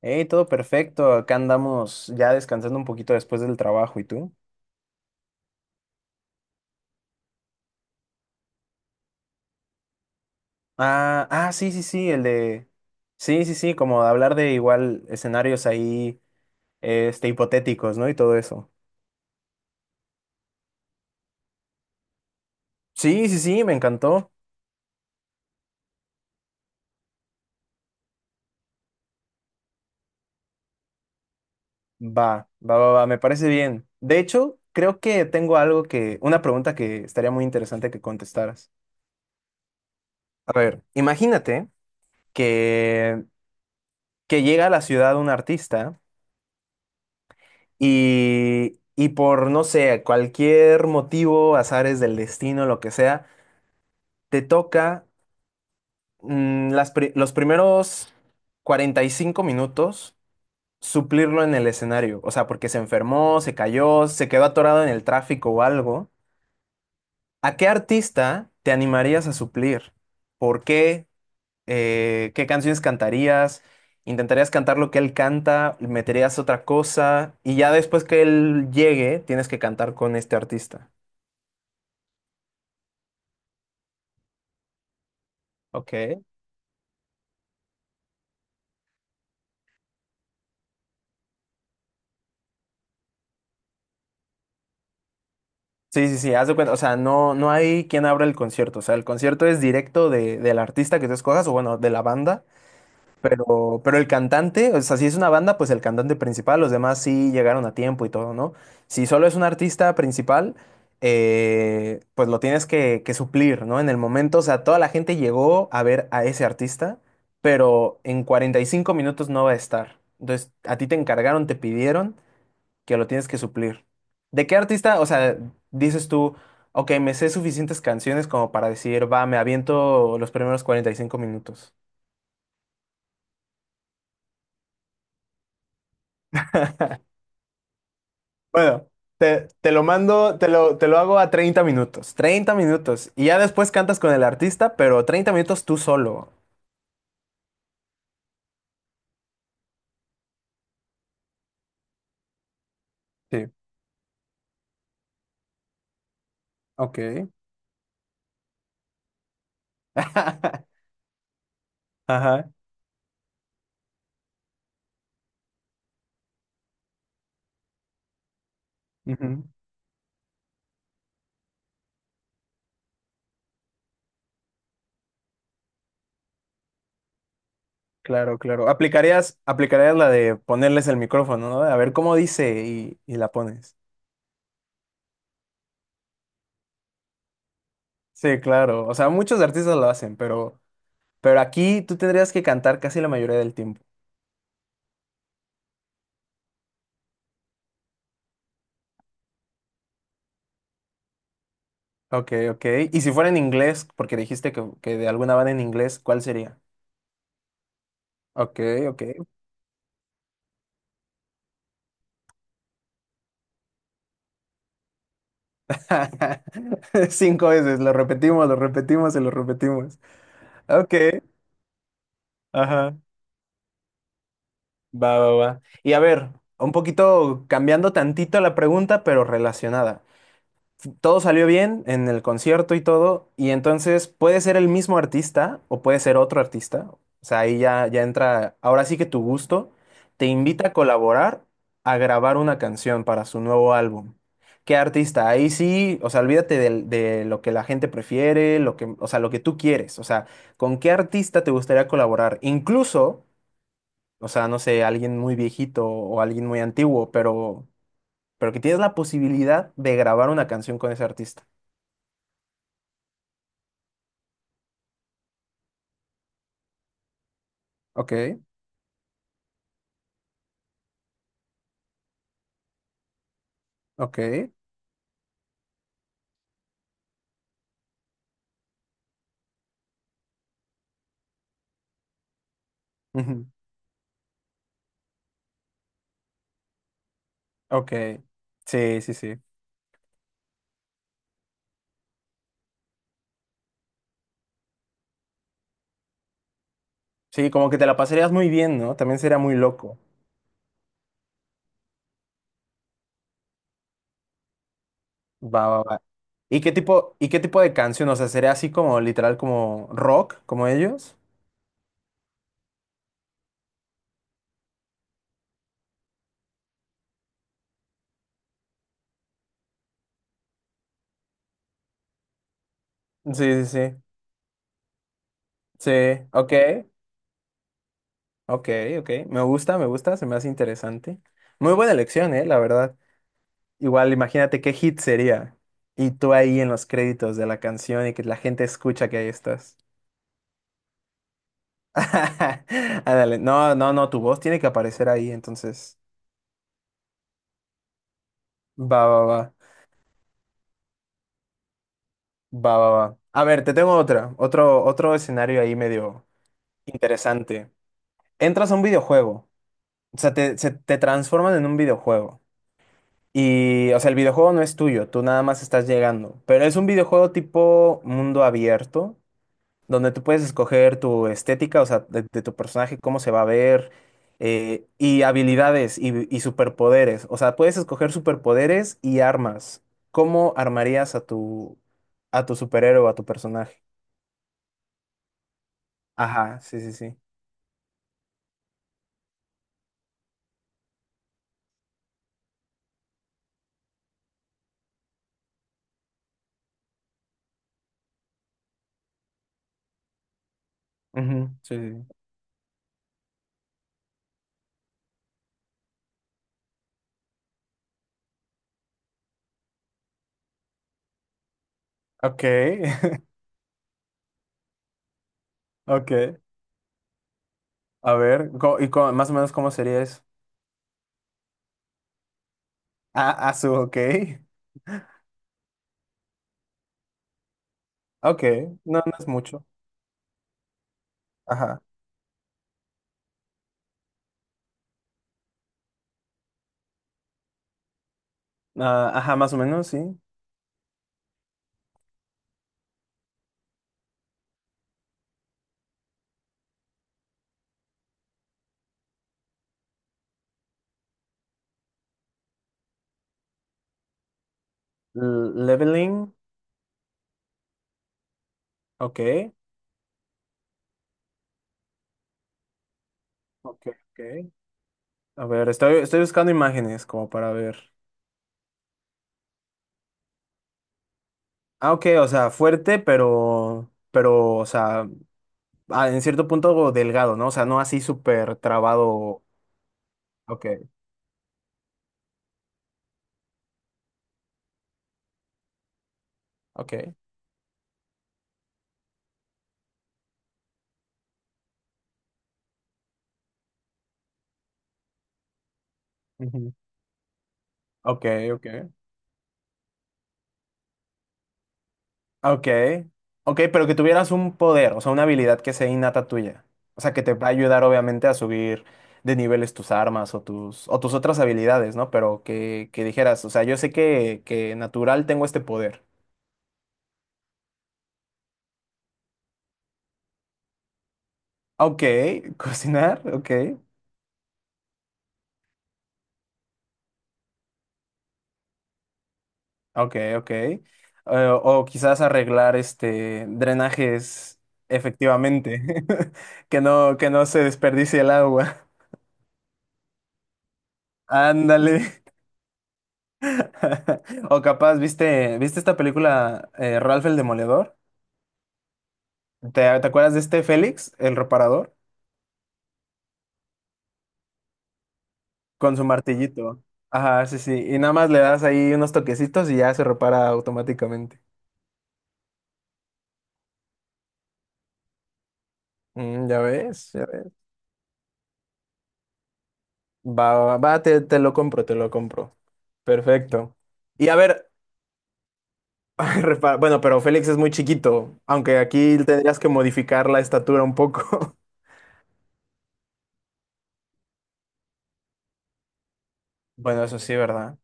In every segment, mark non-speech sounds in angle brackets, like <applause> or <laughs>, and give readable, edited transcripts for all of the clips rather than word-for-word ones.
Hey, todo perfecto. Acá andamos ya descansando un poquito después del trabajo. ¿Y tú? Ah, sí, sí, sí, el de... Sí, sí, sí, como de hablar de igual escenarios ahí, este, hipotéticos, ¿no? Y todo eso. Sí, sí, sí, me encantó. Va, va, va, va, me parece bien. De hecho, creo que tengo una pregunta que estaría muy interesante que contestaras. A ver, imagínate que, que llega a la ciudad un artista. Y por, no sé, cualquier motivo, azares del destino, lo que sea, te toca los primeros 45 minutos suplirlo en el escenario. O sea, porque se enfermó, se cayó, se quedó atorado en el tráfico o algo. ¿A qué artista te animarías a suplir? ¿Por qué? ¿Qué canciones cantarías? Intentarías cantar lo que él canta, meterías otra cosa y ya después que él llegue, tienes que cantar con este artista. Ok. Sí, sí, sí, haz de cuenta, o sea, no, no hay quien abra el concierto, o sea, el concierto es directo del artista que tú escojas, o bueno, de la banda, pero el cantante, o sea, si es una banda, pues el cantante principal, los demás sí llegaron a tiempo y todo, ¿no? Si solo es un artista principal, pues lo tienes que suplir, ¿no? En el momento, o sea, toda la gente llegó a ver a ese artista, pero en 45 minutos no va a estar. Entonces, a ti te encargaron, te pidieron que lo tienes que suplir. ¿De qué artista? O sea, dices tú, ok, me sé suficientes canciones como para decir, va, me aviento los primeros 45 minutos. Bueno, te lo mando, te lo hago a 30 minutos. 30 minutos. Y ya después cantas con el artista, pero 30 minutos tú solo. Sí, ok. <laughs> Ajá. Ujú. Claro, claro. Aplicarías la de ponerles el micrófono, ¿no? A ver cómo dice y la pones. Sí, claro. O sea, muchos artistas lo hacen, pero aquí tú tendrías que cantar casi la mayoría del tiempo. Ok, ok. Y si fuera en inglés, porque dijiste que de alguna banda en inglés, ¿cuál sería? Ok, ok. <laughs> Cinco veces, lo repetimos y lo repetimos. Ok, ajá. Va, va, va. Y a ver, un poquito cambiando tantito la pregunta, pero relacionada. Todo salió bien en el concierto y todo, y entonces puede ser el mismo artista o puede ser otro artista. O sea, ahí ya entra, ahora sí que tu gusto te invita a colaborar a grabar una canción para su nuevo álbum. ¿Qué artista? Ahí sí, o sea, olvídate de lo que la gente prefiere, lo que, o sea, lo que tú quieres. O sea, ¿con qué artista te gustaría colaborar? Incluso, o sea, no sé, alguien muy viejito o alguien muy antiguo, pero que tienes la posibilidad de grabar una canción con ese artista. Ok, ok, ujú, ok. Sí, sí, sí. Sí, como que te la pasarías muy bien, ¿no? También sería muy loco. Va, va, va. ¿Y qué tipo de canción? O sea, ¿sería así como literal como rock, como ellos? Sí, sí, sí. Sí, ok, ok, ok. Me gusta, se me hace interesante. Muy buena elección, ¿eh? La verdad. Igual, imagínate qué hit sería. Y tú ahí en los créditos de la canción y que la gente escucha que ahí estás. <laughs> Ándale, no, no, no, tu voz tiene que aparecer ahí, entonces. Va, va, va. Va, va, va. A ver, te tengo otro escenario ahí medio interesante. Entras a un videojuego, o sea, te transforman en un videojuego. Y, o sea, el videojuego no es tuyo, tú nada más estás llegando. Pero es un videojuego tipo mundo abierto, donde tú puedes escoger tu estética, o sea, de tu personaje, cómo se va a ver, y habilidades y superpoderes. O sea, puedes escoger superpoderes y armas. ¿Cómo armarías a tu superhéroe o a tu personaje? Ajá, sí, sí, sí. Ujú, sí, sí, sí. Ok, <laughs> ok. A ver, ¿y más o menos cómo sería eso? Ah, ok. Ok, no, no es mucho. Ajá. Ah, ajá, más o menos, sí. Leveling, ok. Ok, ok. A ver, estoy buscando imágenes como para ver. Ah, ok, o sea, fuerte, pero, o sea, en cierto punto delgado, ¿no? O sea, no así súper trabado. Ok, ok. Ujú. Ok, ok. Ok. Ok, pero que tuvieras un poder, o sea, una habilidad que sea innata tuya. O sea, que te va a ayudar, obviamente, a subir de niveles tus armas o tus otras habilidades, ¿no? Pero que dijeras, o sea, yo sé que natural tengo este poder. Ok, <laughs> cocinar, ok. Ok, ok. O quizás arreglar este drenajes efectivamente, <laughs> que no se desperdicie el agua. Ándale. <laughs> O capaz, ¿viste esta película Ralph el Demoledor? ¿Te, te acuerdas de este Félix, el reparador? Con su martillito. Ajá, sí, sí. Y nada más le das ahí unos toquecitos y ya se repara automáticamente. Ya ves, ya ves. Va, va, va, te lo compro, te lo compro. Perfecto. Y a ver, <laughs> Ay, bueno, pero Félix es muy chiquito, aunque aquí tendrías que modificar la estatura un poco. <laughs> Bueno, eso sí, ¿verdad?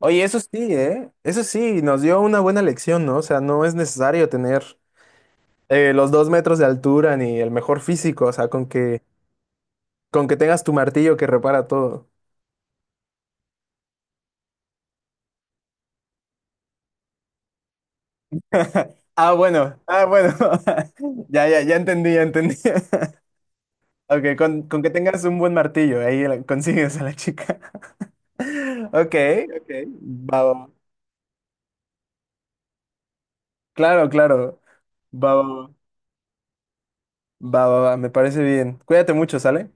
Oye, eso sí, ¿eh? Eso sí, nos dio una buena lección, ¿no? O sea, no es necesario tener los 2 metros de altura ni el mejor físico, o sea, con que tengas tu martillo que repara todo. Ah, bueno, ah, bueno. <laughs> Ya, ya, ya entendí, ya entendí. <laughs> Ok, con que tengas un buen martillo, ahí consigues a la chica. <laughs> Ok, ok. Va, va. Claro, claro. Va, va, va. Va, va, va, me parece bien. Cuídate mucho, ¿sale?